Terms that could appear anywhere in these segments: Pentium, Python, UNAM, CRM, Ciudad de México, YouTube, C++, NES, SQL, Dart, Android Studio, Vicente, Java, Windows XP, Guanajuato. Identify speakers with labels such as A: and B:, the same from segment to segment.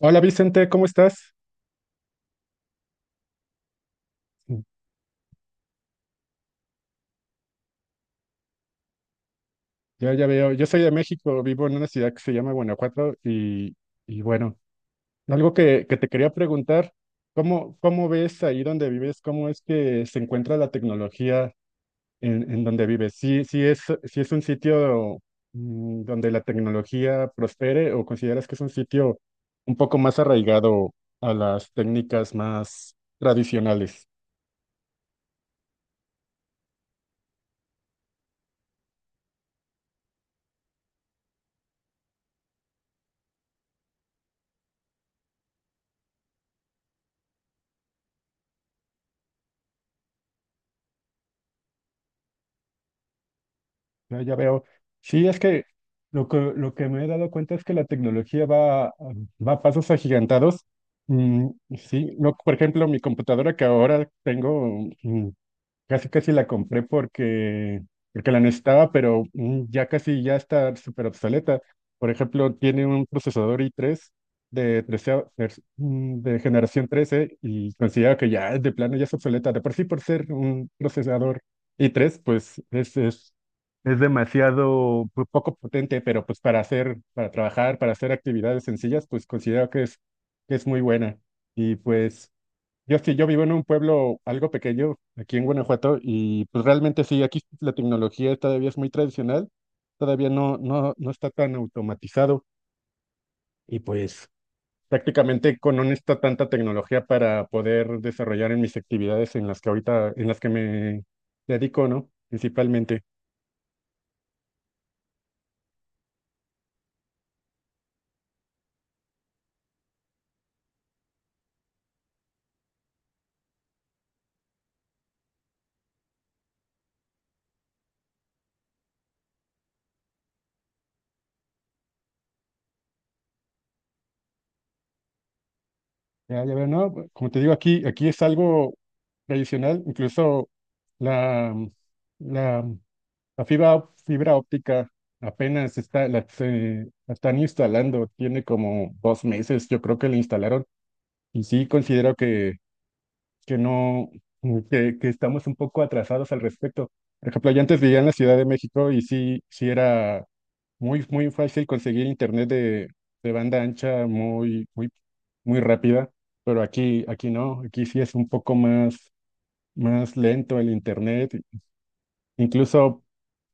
A: Hola Vicente, ¿cómo estás? Yo ya veo, yo soy de México, vivo en una ciudad que se llama Guanajuato y bueno, algo que te quería preguntar. Cómo ves ahí donde vives? ¿Cómo es que se encuentra la tecnología en donde vives? ¿Sí, sí es un sitio donde la tecnología prospere o consideras que es un sitio un poco más arraigado a las técnicas más tradicionales? No, ya veo. Sí, es que lo que me he dado cuenta es que la tecnología va a pasos agigantados. Mm, sí, no, por ejemplo, mi computadora que ahora tengo, casi casi la compré porque la necesitaba, pero ya casi ya está súper obsoleta. Por ejemplo, tiene un procesador i3 de, de generación 13 y considero que ya de plano ya es obsoleta. De por sí, por ser un procesador i3, pues es demasiado poco potente, pero pues para hacer, para trabajar, para hacer actividades sencillas, pues considero que es muy buena. Y pues. Yo sí, yo vivo en un pueblo algo pequeño aquí en Guanajuato y pues realmente sí, aquí la tecnología todavía es muy tradicional, todavía no, no, no está tan automatizado y pues prácticamente con no está tanta tecnología para poder desarrollar en mis actividades en las que ahorita, en las que me dedico, ¿no? Principalmente. Ya, ya veo, no, pues, como te digo, aquí es algo tradicional, incluso la, la La fibra, fibra óptica apenas está, la están instalando, tiene como 2 meses, yo creo que la instalaron, y sí considero que no, que estamos un poco atrasados al respecto. Por ejemplo, yo antes vivía en la Ciudad de México y sí, sí era muy, muy fácil conseguir internet de banda ancha muy, muy, muy rápida, pero aquí no, aquí sí es un poco más lento el internet. Incluso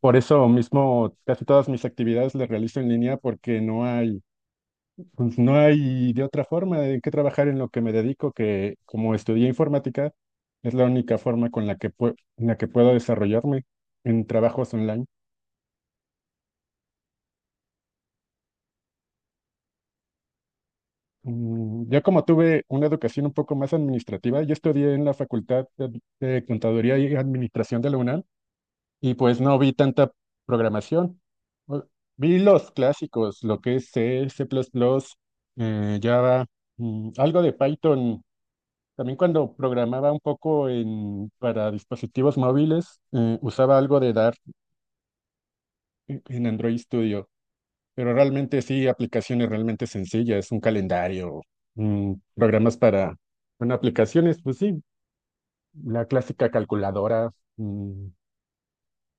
A: por eso mismo, casi todas mis actividades las realizo en línea porque no hay, pues, no hay de otra forma de que trabajar en lo que me dedico, que como estudié informática, es la única forma con la en la que puedo desarrollarme en trabajos online. Yo como tuve una educación un poco más administrativa, yo estudié en la Facultad de Contaduría y Administración de la UNAM. Y pues no vi tanta programación. O- Vi los clásicos, lo que es C, C++, Java, algo de Python. También cuando programaba un poco para dispositivos móviles, usaba algo de Dart en Android Studio. Pero realmente sí, aplicaciones realmente sencillas, un calendario, programas para, bueno, aplicaciones, pues sí, la clásica calculadora,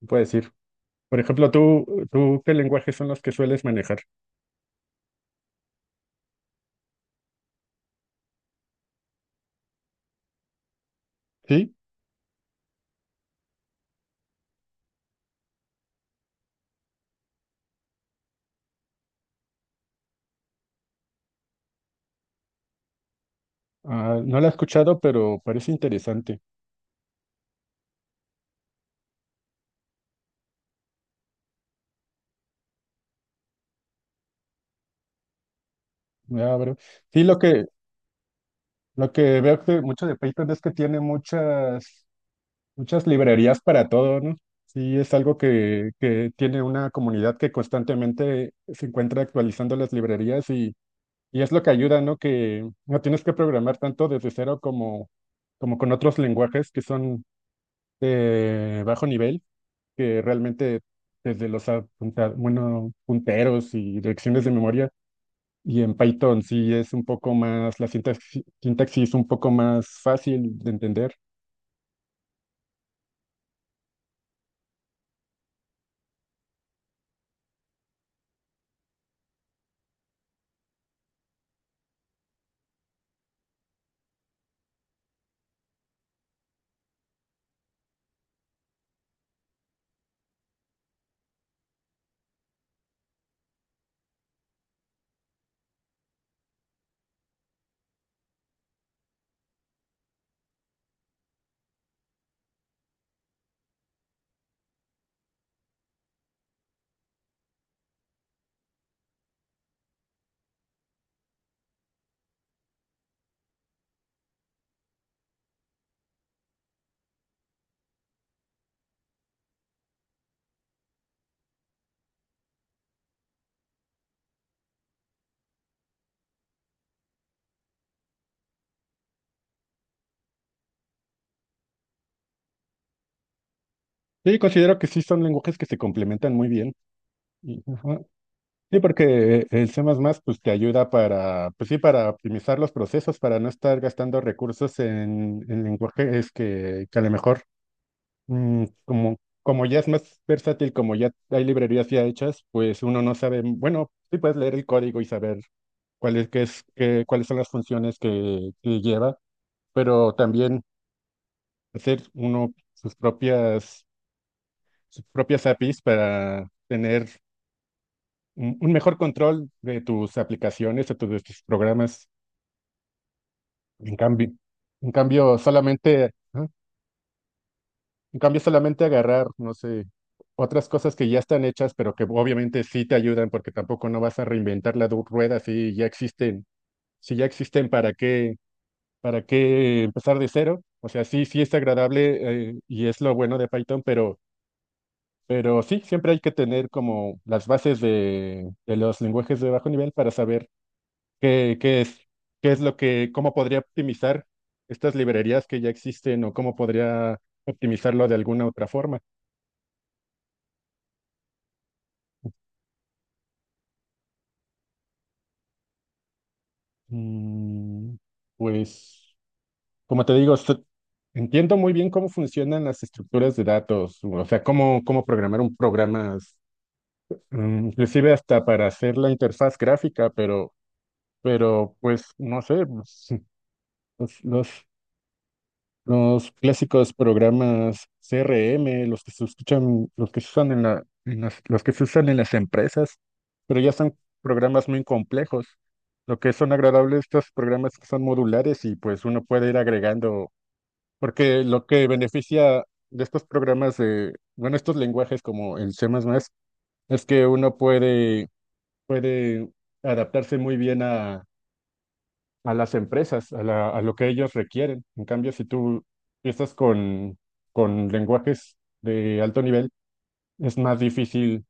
A: puede decir. Por ejemplo, ¿tú qué lenguajes son los que sueles manejar? Sí, ah, no lo he escuchado, pero parece interesante. Ya. Sí, lo que veo que mucho de Python es que tiene muchas, muchas librerías para todo, ¿no? Sí, es algo que tiene una comunidad que constantemente se encuentra actualizando las librerías y es lo que ayuda, ¿no? Que no tienes que programar tanto desde cero como con otros lenguajes que son de bajo nivel que realmente desde los punteros y direcciones de memoria. Y en Python sí es un poco más, la sintaxis es un poco más fácil de entender. Sí, considero que sí son lenguajes que se complementan muy bien. Y, ajá. Sí, porque el C++ pues te ayuda para, pues sí, para optimizar los procesos, para no estar gastando recursos en lenguajes que a lo mejor Mm, como, como ya es más versátil, como ya hay librerías ya hechas, pues uno no sabe, bueno, sí puedes leer el código y saber cuál es, qué es, cuáles son las funciones que lleva, pero también hacer uno sus propias APIs para tener un mejor control de tus aplicaciones, de tus programas. En cambio, en cambio, solamente En cambio, solamente agarrar, no sé, otras cosas que ya están hechas, pero que obviamente sí te ayudan, porque tampoco no vas a reinventar la rueda si ya existen. Si ya existen, ¿para qué empezar de cero? O sea, sí, sí es agradable, y es lo bueno de Python, pero sí, siempre hay que tener como las bases de los lenguajes de bajo nivel para saber qué, qué es lo que, cómo podría optimizar estas librerías que ya existen o cómo podría optimizarlo de alguna otra forma. Mm, Pues, como te digo, entiendo muy bien cómo funcionan las estructuras de datos, o sea, cómo programar un programa, inclusive hasta para hacer la interfaz gráfica, pero pues, no sé, pues, los, los Los clásicos programas CRM, los que se escuchan, los que se usan en la, en las, los que se usan en las empresas, pero ya son programas muy complejos. Lo que son agradables estos programas que son modulares y pues uno puede ir agregando, porque lo que beneficia de estos programas de, bueno, estos lenguajes como el C++ es que uno puede adaptarse muy bien a las empresas, a lo que ellos requieren. En cambio, si tú empiezas con lenguajes de alto nivel, es más difícil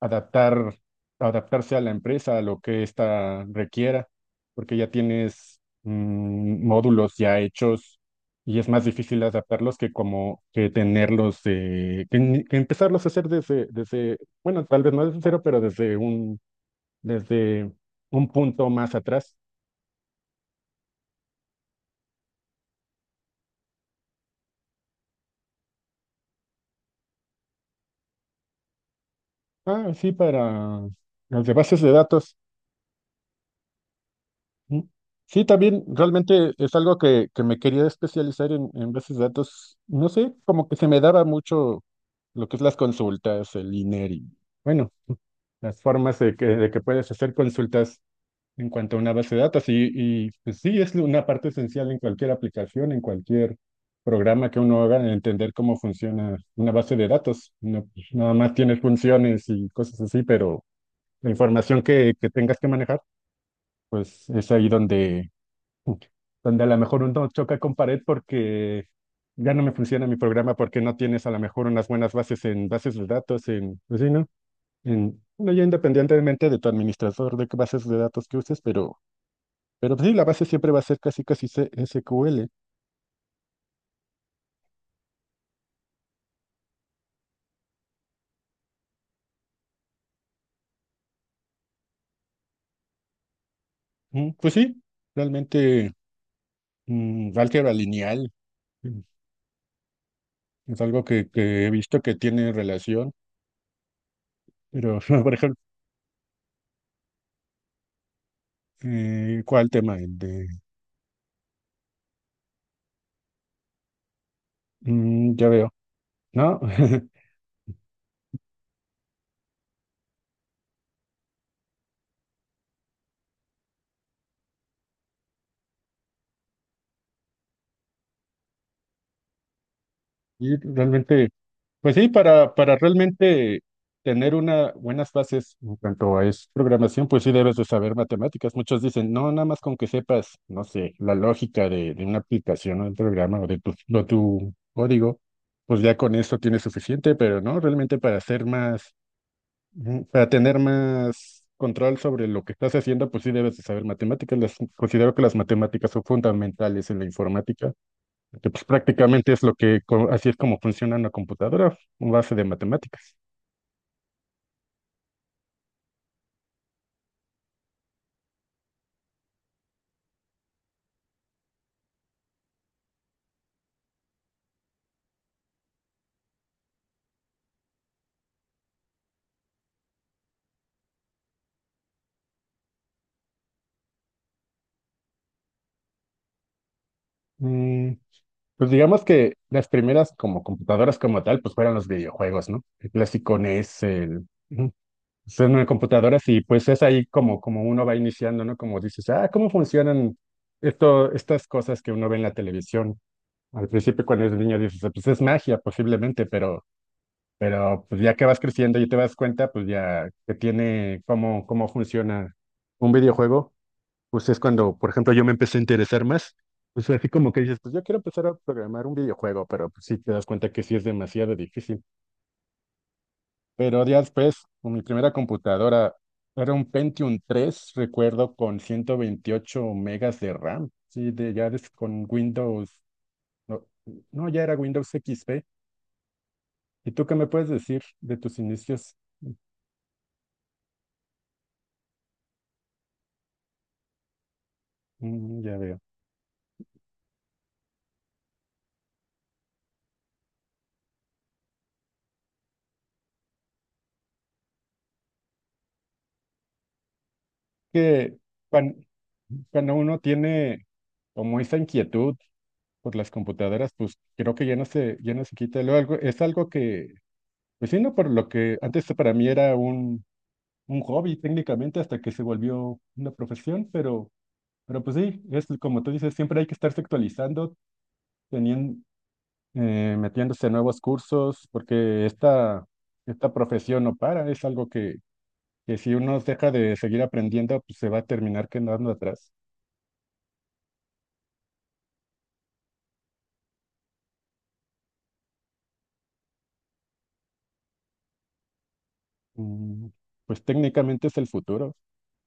A: adaptar, adaptarse a la empresa, a lo que ésta requiera, porque ya tienes módulos ya hechos y es más difícil adaptarlos que como que tenerlos, que, que empezarlos a hacer bueno, tal vez no desde cero, pero desde un punto más atrás. Ah, sí, para las de bases de datos. Mm. Sí, también realmente es algo que me quería especializar en bases de datos. No sé, como que se me daba mucho lo que es las consultas, el INER y, bueno, las formas de que puedes hacer consultas en cuanto a una base de datos. Y pues sí, es una parte esencial en cualquier aplicación, en cualquier programa que uno haga, en entender cómo funciona una base de datos. No, nada más tiene funciones y cosas así, pero la información que tengas que manejar, pues es ahí donde a lo mejor uno choca con pared porque ya no me funciona mi programa porque no tienes a lo mejor unas buenas bases en bases de datos, en, pues sí, ¿no? En, bueno, ya independientemente de tu administrador, de qué bases de datos que uses, pero pues sí, la base siempre va a ser casi casi SQL. Pues sí, realmente álgebra lineal mm, es algo que he visto que tiene relación, pero, por ejemplo, ¿cuál tema? El de. Ya veo, ¿no? Y realmente, pues sí, para realmente tener una buenas bases en cuanto a es programación, pues sí debes de saber matemáticas. Muchos dicen, no, nada más con que sepas, no sé, la lógica de una aplicación o de un programa o de tu, o tu código, pues ya con eso tienes suficiente, pero no, realmente para hacer más, para tener más control sobre lo que estás haciendo, pues sí debes de saber matemáticas. Las, considero que las matemáticas son fundamentales en la informática que pues prácticamente es lo que, así es como funciona una computadora, una base de matemáticas. Mm, pues digamos que las primeras como computadoras como tal, pues fueron los videojuegos, ¿no? El clásico NES, ujú, son una computadoras y pues es ahí como uno va iniciando, ¿no? Como dices, ah, ¿cómo funcionan estas cosas que uno ve en la televisión? Al principio cuando eres niño dices, Ah, pues es magia posiblemente, pero pues ya que vas creciendo y te das cuenta, pues ya que tiene cómo, funciona un videojuego pues es cuando, por ejemplo, yo me empecé a interesar más. Pues así como que dices, pues yo quiero empezar a programar un videojuego, pero pues sí te das cuenta que sí es demasiado difícil. Pero días después, con mi primera computadora era un Pentium 3 recuerdo, con 128 megas de RAM. Sí, de, ya con Windows, no, no, ya era Windows XP. ¿Y tú qué me puedes decir de tus inicios? Ya veo. Que cuan- cuando uno tiene como esa inquietud, por las computadoras, pues creo que ya no se quita. Luego algo, es algo que, pues sí, no, por lo que antes para mí era un hobby técnicamente hasta que se volvió una profesión, pero pues sí, es como tú dices, siempre hay que estarse actualizando, teniendo, metiéndose a nuevos cursos, porque esta profesión no para, es algo que si uno deja de seguir aprendiendo, pues se va a terminar quedando atrás. Mm, Pues técnicamente es el futuro.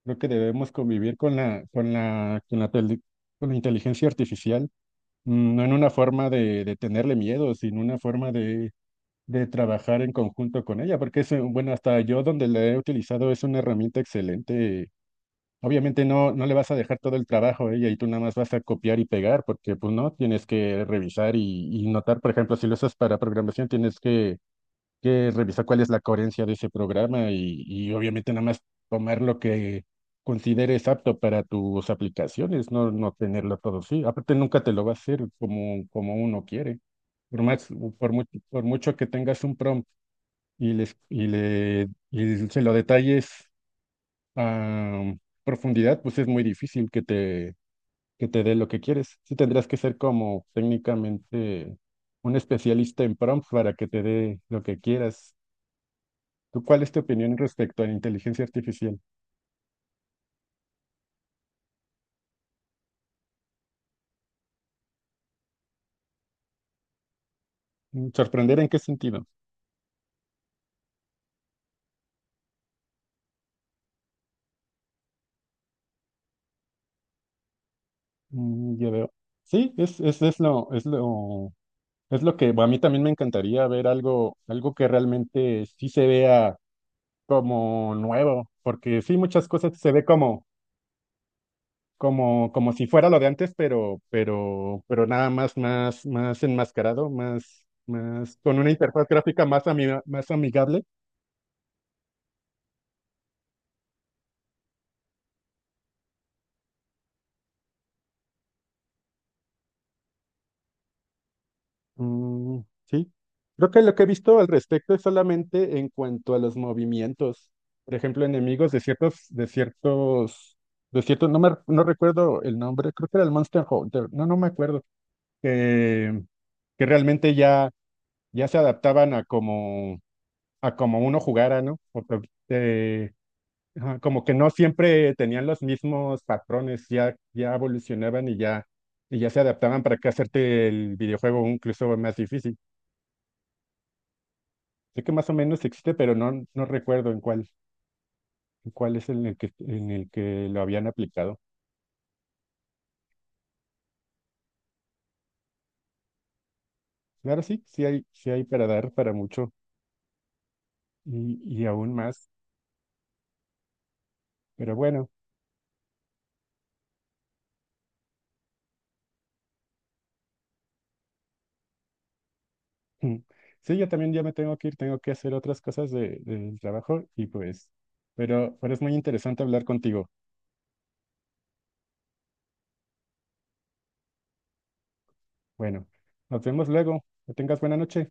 A: Creo que debemos convivir con la inteligencia artificial, no en una forma de tenerle miedo, sino una forma de trabajar en conjunto con ella, porque es, bueno, hasta yo donde la he utilizado es una herramienta excelente. Obviamente no, no le vas a dejar todo el trabajo a ella y tú nada más vas a copiar y pegar, porque pues no, tienes que revisar y notar, por ejemplo, si lo usas para programación, tienes que revisar cuál es la coherencia de ese programa y obviamente nada más tomar lo que consideres apto para tus aplicaciones, no, no tenerlo todo sí. Aparte nunca te lo va a hacer como uno quiere. Por más, por mucho que tengas un prompt y les y le y se lo detalles a profundidad, pues es muy difícil que te dé lo que quieres. Sí tendrás que ser como técnicamente un especialista en prompt para que te dé lo que quieras. ¿Tú cuál es tu opinión respecto a la inteligencia artificial? ¿Sorprender en qué sentido? Ya veo. Sí, es lo, es lo, es lo que a mí también me encantaría ver algo que realmente sí se vea como nuevo, porque sí, muchas cosas se ve como si fuera lo de antes, pero nada más, más, más enmascarado, más, más, con una interfaz gráfica más, más amigable. Mm, sí, creo que lo que he visto al respecto es solamente en cuanto a los movimientos. Por ejemplo, enemigos de ciertos, no recuerdo el nombre, creo que era el Monster Hunter, no, no me acuerdo, que, que realmente ya, ya se adaptaban a como uno jugara, ¿no? Porque, eh, ajá, como que no siempre tenían los mismos patrones, ya, ya evolucionaban y ya se adaptaban para que hacerte el videojuego incluso más difícil. Sé que más o menos existe, pero no, no recuerdo en cuál es en el que lo habían aplicado. Claro, sí, sí hay para dar para mucho y aún más. Pero bueno, mm, sí, yo también ya me tengo que ir, tengo que hacer otras cosas del trabajo y pues, pero es muy interesante hablar contigo. Bueno, nos vemos luego. Que tengas buena noche.